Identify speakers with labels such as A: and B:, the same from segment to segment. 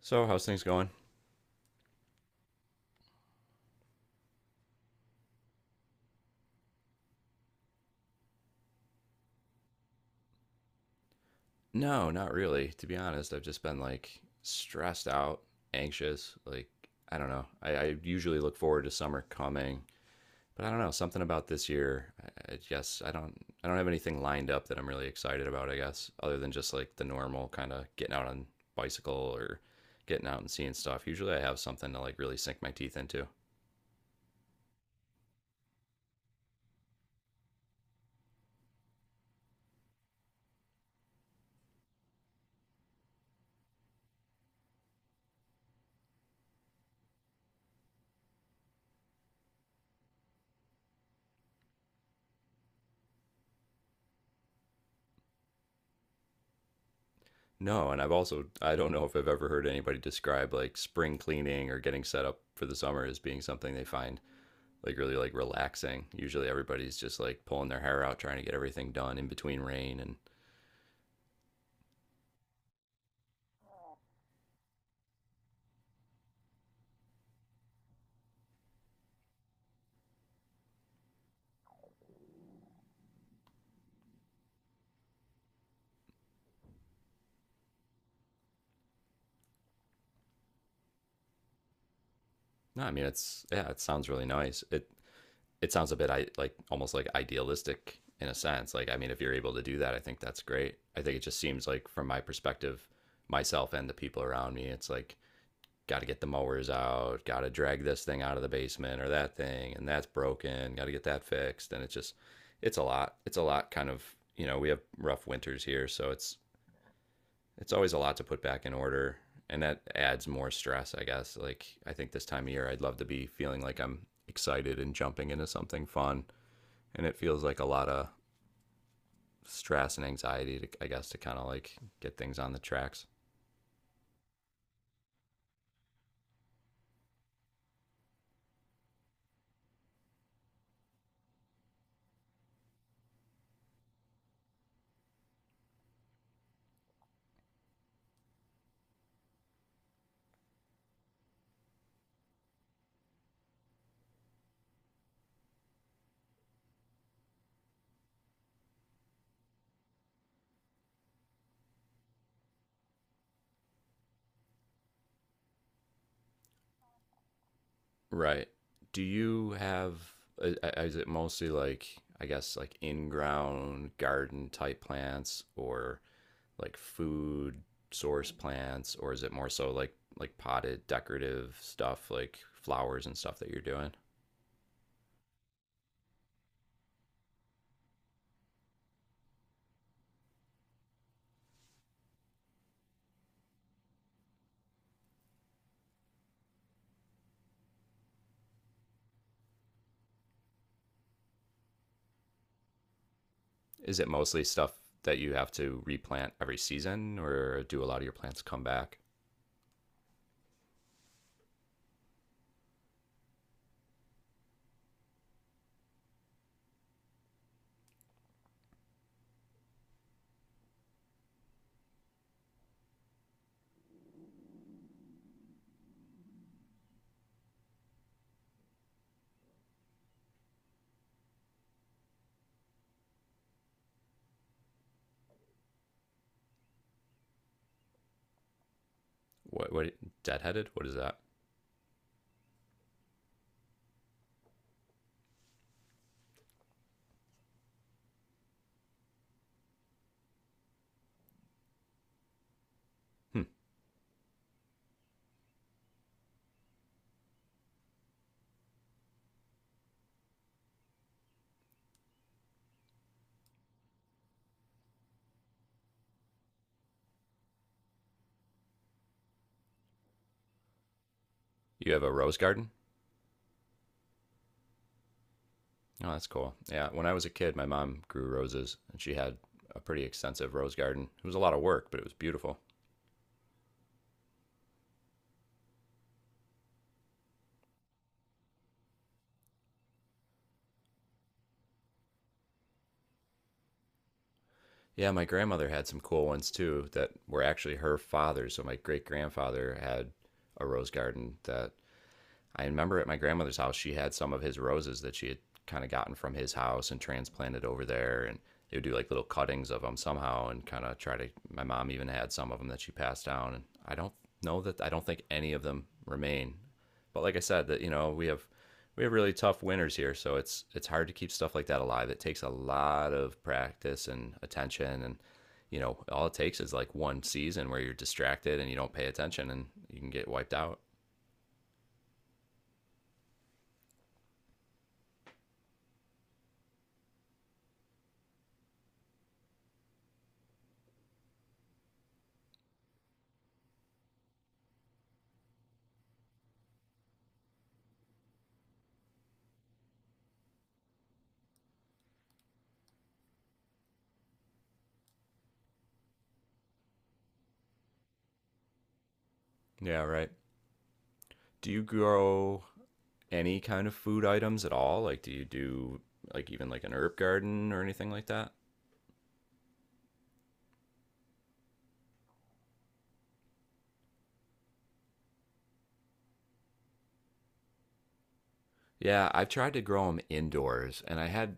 A: So, how's things going? No, not really. To be honest, I've just been like stressed out, anxious. Like, I don't know. I usually look forward to summer coming, but I don't know. Something about this year. I guess I don't. I don't have anything lined up that I'm really excited about. I guess other than just like the normal kind of getting out on bicycle or getting out and seeing stuff. Usually, I have something to like really sink my teeth into. No, and I've also I don't know if I've ever heard anybody describe like spring cleaning or getting set up for the summer as being something they find like really like relaxing. Usually everybody's just like pulling their hair out trying to get everything done in between rain and no, I mean it's yeah, it sounds really nice. It sounds a bit I like almost like idealistic in a sense. Like I mean if you're able to do that, I think that's great. I think it just seems like from my perspective, myself and the people around me, it's like got to get the mowers out, got to drag this thing out of the basement or that thing and that's broken, got to get that fixed and it's just it's a lot. It's a lot kind of, you know, we have rough winters here, so it's always a lot to put back in order, and that adds more stress, I guess. Like I think this time of year I'd love to be feeling like I'm excited and jumping into something fun, and it feels like a lot of stress and anxiety to, I guess, to kind of like get things on the tracks. Right. Do you have is it mostly like I guess like in ground garden type plants or like food source plants, or is it more so like potted decorative stuff, like flowers and stuff that you're doing? Is it mostly stuff that you have to replant every season, or do a lot of your plants come back? What deadheaded? What is that? Hmm. You have a rose garden? Oh, that's cool. Yeah, when I was a kid, my mom grew roses, and she had a pretty extensive rose garden. It was a lot of work, but it was beautiful. Yeah, my grandmother had some cool ones too that were actually her father. So my great grandfather had a rose garden that I remember at my grandmother's house, she had some of his roses that she had kind of gotten from his house and transplanted over there. And they would do like little cuttings of them somehow and kind of try to. My mom even had some of them that she passed down. And I don't know that, I don't think any of them remain. But like I said, that, you know, we have. We have really tough winters here, so it's hard to keep stuff like that alive. It takes a lot of practice and attention, and you know, all it takes is like one season where you're distracted and you don't pay attention, and you can get wiped out. Yeah, right. Do you grow any kind of food items at all? Like, do you do like even like an herb garden or anything like that? Yeah, I've tried to grow them indoors and I had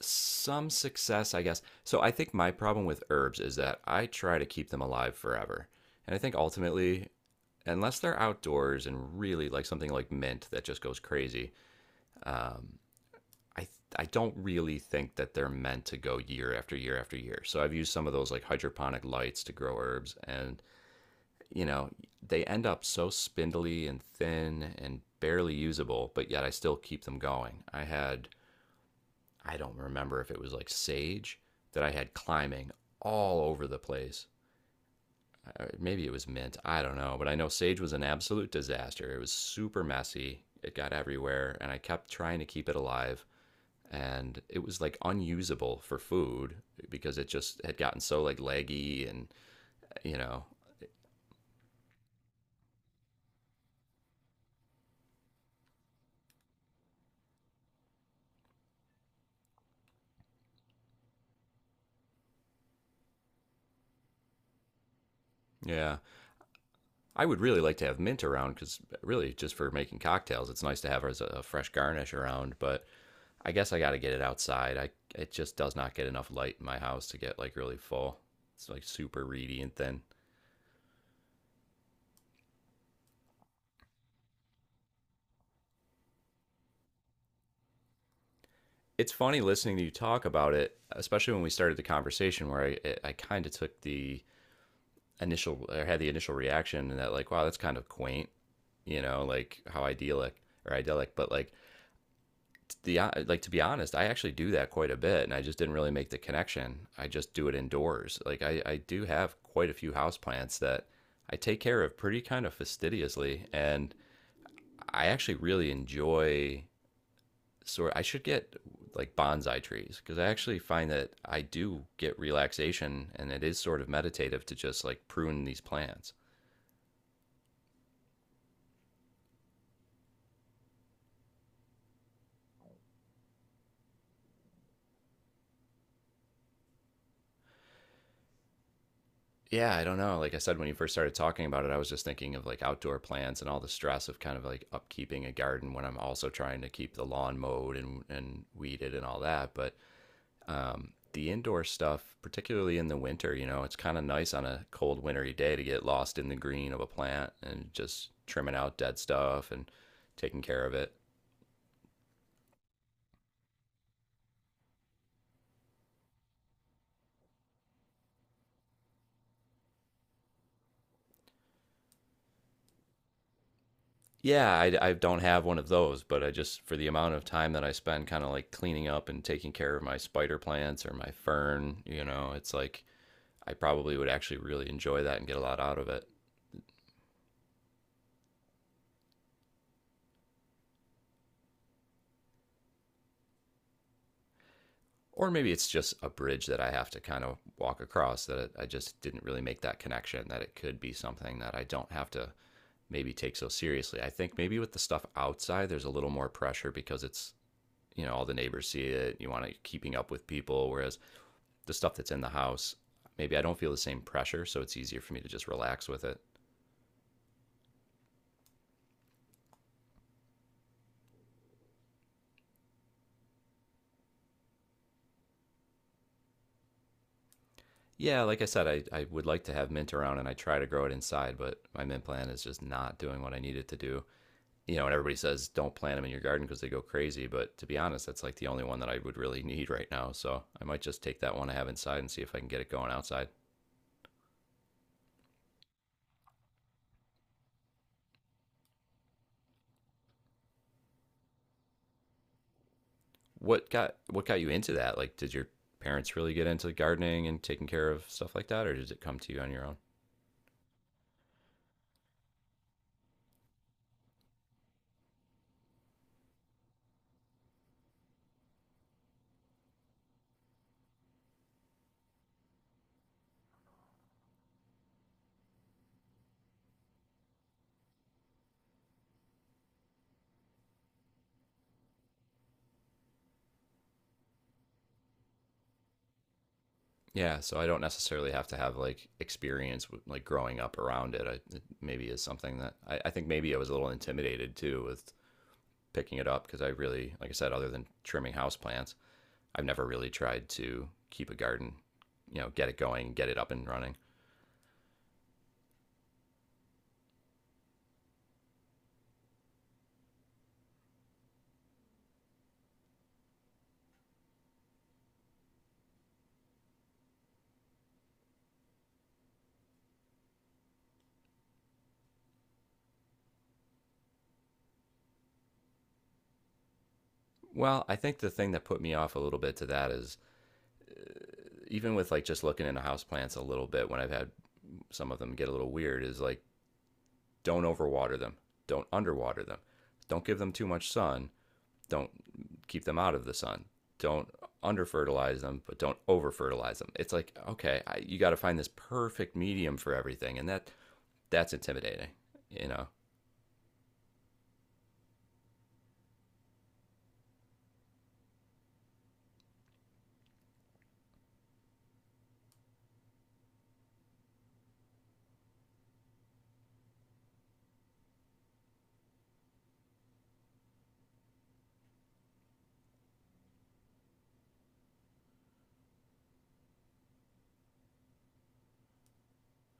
A: some success, I guess. So I think my problem with herbs is that I try to keep them alive forever. And I think ultimately, unless they're outdoors and really like something like mint that just goes crazy, um, I I don't really think that they're meant to go year after year after year. So I've used some of those like hydroponic lights to grow herbs and you know, they end up so spindly and thin and barely usable, but yet I still keep them going. I had, I don't remember if it was like sage that I had climbing all over the place. Maybe it was mint, I don't know, but I know sage was an absolute disaster. It was super messy, it got everywhere, and I kept trying to keep it alive. And it was like unusable for food because it just had gotten so like leggy and, you know, yeah. I would really like to have mint around because really just for making cocktails, it's nice to have as a, fresh garnish around. But I guess I got to get it outside. I it just does not get enough light in my house to get like really full. It's like super reedy and thin. It's funny listening to you talk about it, especially when we started the conversation where I kind of took the initial or had the initial reaction and that like wow that's kind of quaint, you know, like how idyllic or idyllic, but like the like to be honest, I actually do that quite a bit, and I just didn't really make the connection. I just do it indoors. Like I do have quite a few house plants that I take care of pretty kind of fastidiously, and I actually really enjoy. Sort I should get like bonsai trees because I actually find that I do get relaxation, and it is sort of meditative to just like prune these plants. Yeah, I don't know. Like I said, when you first started talking about it, I was just thinking of like outdoor plants and all the stress of kind of like upkeeping a garden when I'm also trying to keep the lawn mowed and weeded and all that. But the indoor stuff, particularly in the winter, you know, it's kind of nice on a cold wintry day to get lost in the green of a plant and just trimming out dead stuff and taking care of it. Yeah, I don't have one of those, but I just for the amount of time that I spend kind of like cleaning up and taking care of my spider plants or my fern, you know, it's like I probably would actually really enjoy that and get a lot out of it. Or maybe it's just a bridge that I have to kind of walk across that I just didn't really make that connection that it could be something that I don't have to maybe take so seriously. I think maybe with the stuff outside, there's a little more pressure because it's, you know, all the neighbors see it. You want to keeping up with people. Whereas the stuff that's in the house, maybe I don't feel the same pressure, so it's easier for me to just relax with it. Yeah, like I said, I would like to have mint around and I try to grow it inside, but my mint plant is just not doing what I need it to do. You know, and everybody says don't plant them in your garden because they go crazy, but to be honest, that's like the only one that I would really need right now. So I might just take that one I have inside and see if I can get it going outside. What got you into that? Like, did your parents really get into gardening and taking care of stuff like that, or did it come to you on your own? Yeah, so I don't necessarily have to have like experience with like growing up around it. I, it maybe is something that I think maybe I was a little intimidated too with picking it up because I really, like I said, other than trimming houseplants, I've never really tried to keep a garden, you know, get it going, get it up and running. Well, I think the thing that put me off a little bit to that is even with like just looking into houseplants a little bit when I've had some of them get a little weird is like don't overwater them, don't underwater them, don't give them too much sun. Don't keep them out of the sun. Don't under fertilize them, but don't over fertilize them. It's like okay, I, you got to find this perfect medium for everything, and that that's intimidating. You know,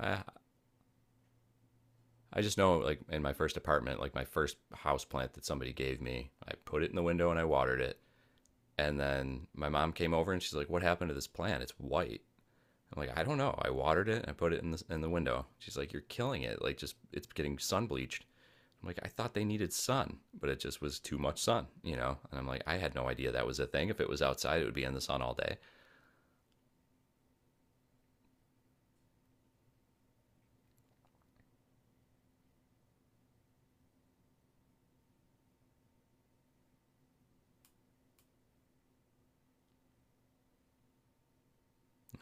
A: I I just know like in my first apartment, like my first house plant that somebody gave me, I put it in the window and I watered it, and then my mom came over and she's like, "What happened to this plant? It's white." I'm like, "I don't know. I watered it and I put it in the window." She's like, "You're killing it. Like just it's getting sun bleached." I'm like, I thought they needed sun, but it just was too much sun, you know? And I'm like, I had no idea that was a thing. If it was outside, it would be in the sun all day.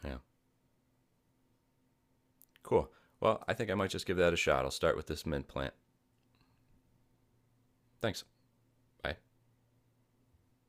A: Yeah, cool. Well, I think I might just give that a shot. I'll start with this mint plant. Thanks. Bye.